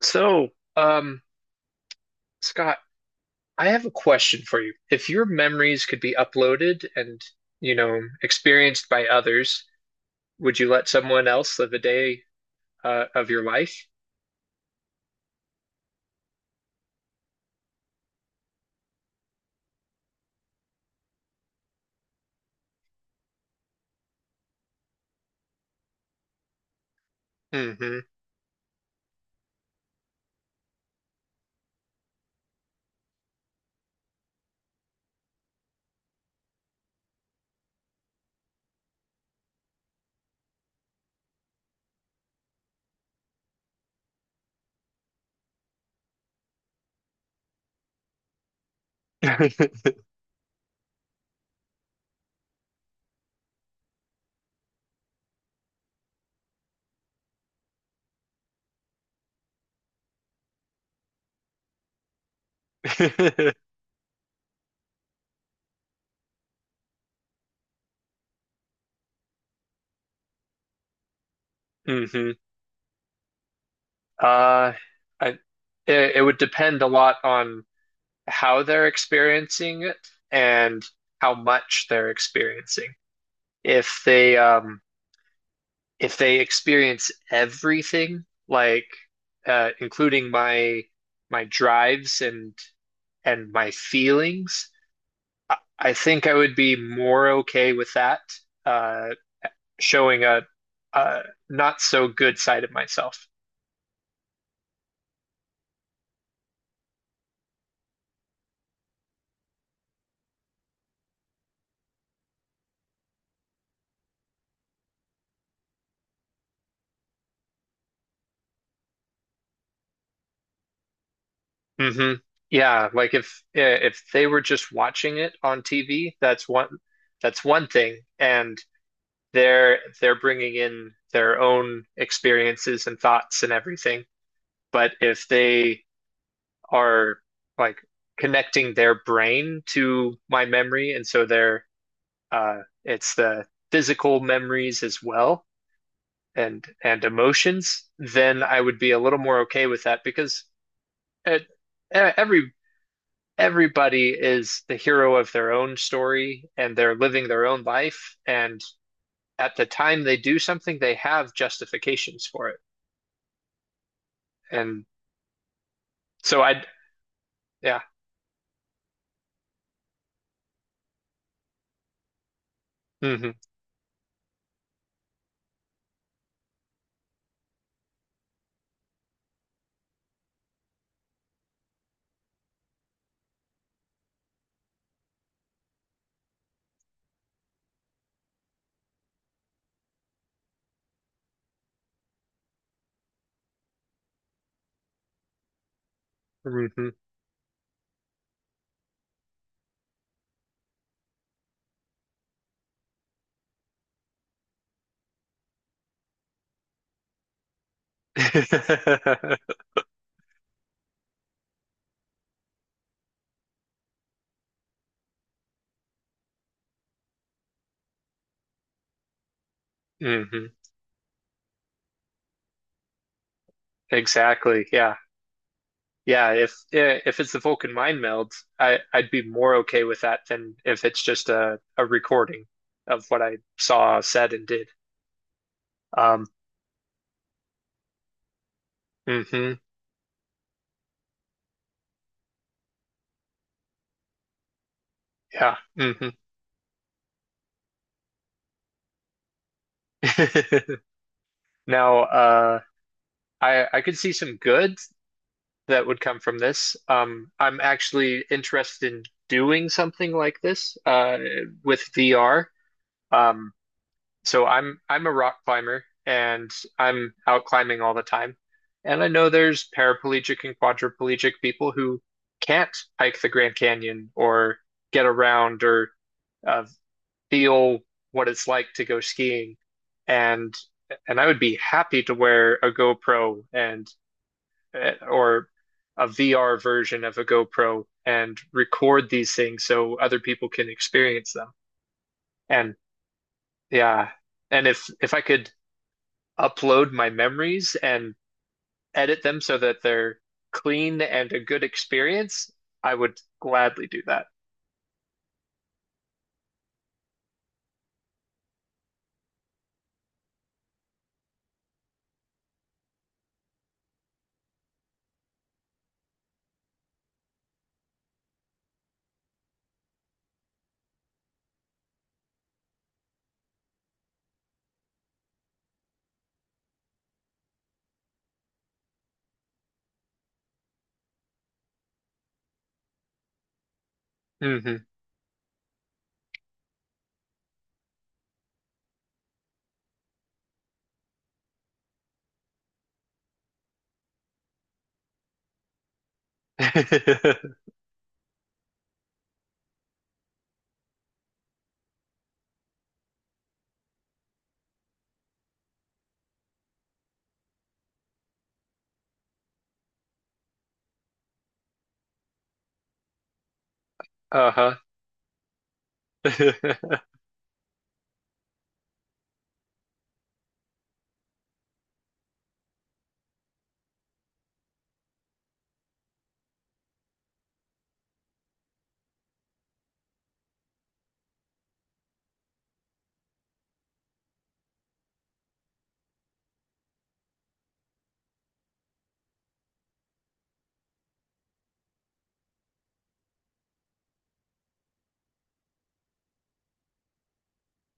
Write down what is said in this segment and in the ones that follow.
So, um, Scott, I have a question for you. If your memories could be uploaded and, you know, experienced by others, would you let someone else live a day of your life? Hmm. Hmm. Uh, I, it would depend a lot on how they're experiencing it and how much they're experiencing. If they, um, if they experience everything, like including my drives and my feelings, I think I would be more okay with that uh, showing a not so good side of myself. Hmm. Yeah, like if yeah, if they were just watching it on TV, that's one thing, and they're bringing in their own experiences and thoughts and everything. But if they are like connecting their brain to my memory, and so they're it's the physical memories as well and emotions, then I would be a little more okay with that because it, e- every everybody is the hero of their own story and they're living their own life, and at the time they do something, they have justifications for it, and so I'd yeah. Hmm. Hmm. Hmm. Exactly. Yeah. Yeah, if if it's the Vulcan mind meld, I'd be more okay with that than if it's just a recording of what I saw, said, and did. Um, hmm, yeah, hmm. Now, I could see some good that would come from this. I'm actually interested in doing something like this, with VR. Um, So I'm a rock climber and I'm out climbing all the time. And I know there's paraplegic and quadriplegic people who can't hike the Grand Canyon or get around or uh, feel what it's like to go skiing. And and I would be happy to wear a GoPro and or a VR version of a GoPro and record these things so other people can experience them. And yeah, and if I could upload my memories and edit them so that they're clean and a good experience, I would gladly do that. Hmm. Uh-huh.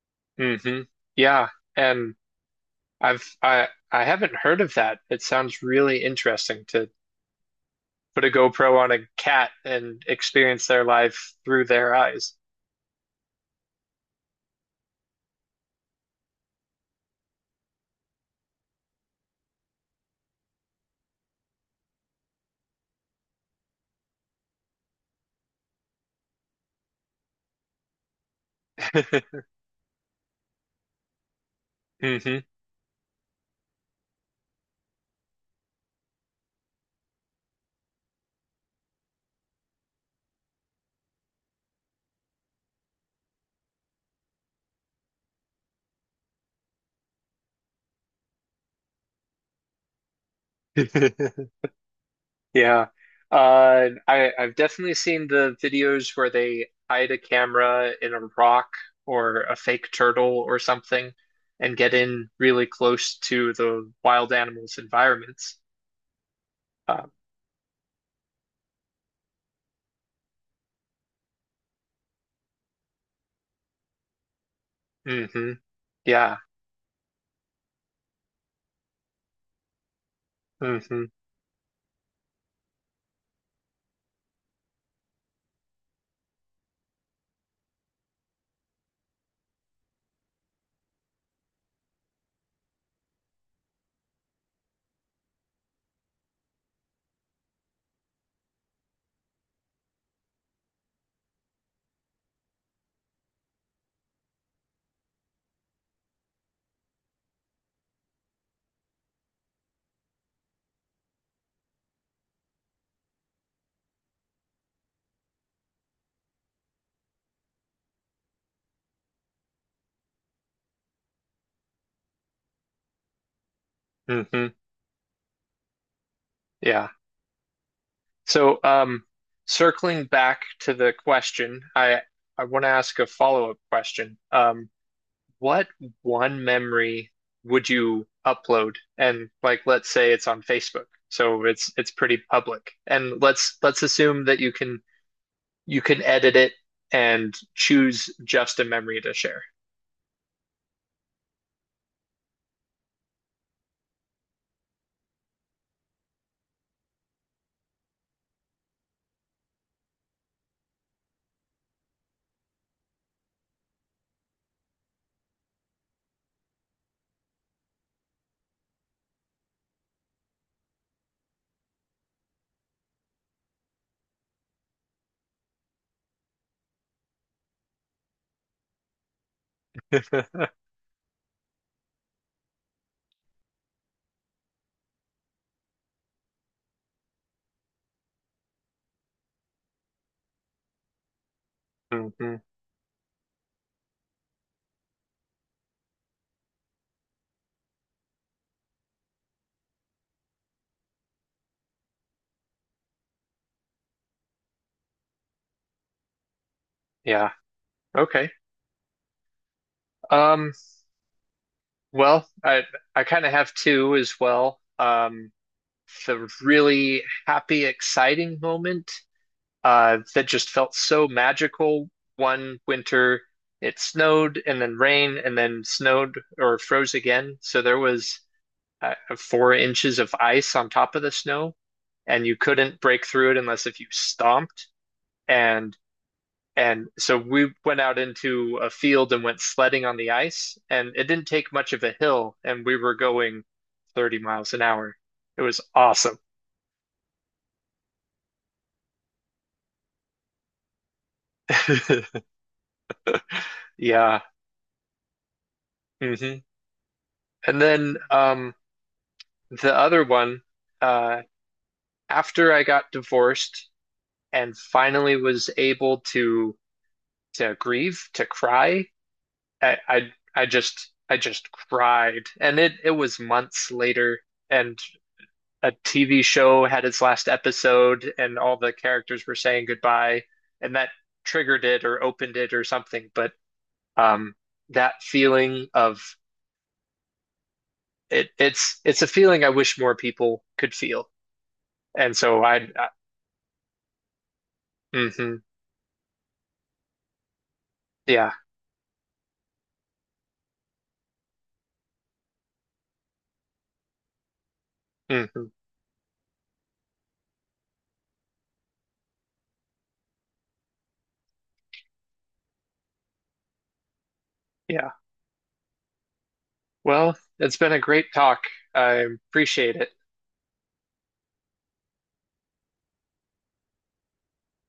Hmm. Yeah, and I haven't heard of that. It sounds really interesting to put a GoPro on a cat and experience their life through their eyes. Hmm. Yeah. I've definitely seen the videos where they hide a camera in a rock or a fake turtle or something and get in really close to the wild animals' environments. Uh, hmm. Yeah. Hmm. Hmm. Yeah. So, circling back to the question, I want to ask a follow-up question. What one memory would you upload? And like, let's say it's on Facebook, so it's pretty public. And let's assume that you can edit it and choose just a memory to share. Hmm. Yeah. Okay. Um, well, I kind of have two as well. The really happy, exciting moment that just felt so magical. One winter, it snowed and then rained and then snowed or froze again. So there was 4 inches of ice on top of the snow, and you couldn't break through it unless if you stomped. And and so we went out into a field and went sledding on the ice, and it didn't take much of a hill, and we were going 30 miles an hour. It was awesome. Yeah. Hmm. And then the other one, uh, after I got divorced and finally was able to grieve, to cry, I I, I just cried. And it was months later and a TV show had its last episode and all the characters were saying goodbye and that triggered it or opened it or something. But um, that feeling of it's a feeling I wish more people could feel. And so I mhm, yeah. Hmm. Yeah. Well, it's been a great talk. I appreciate it.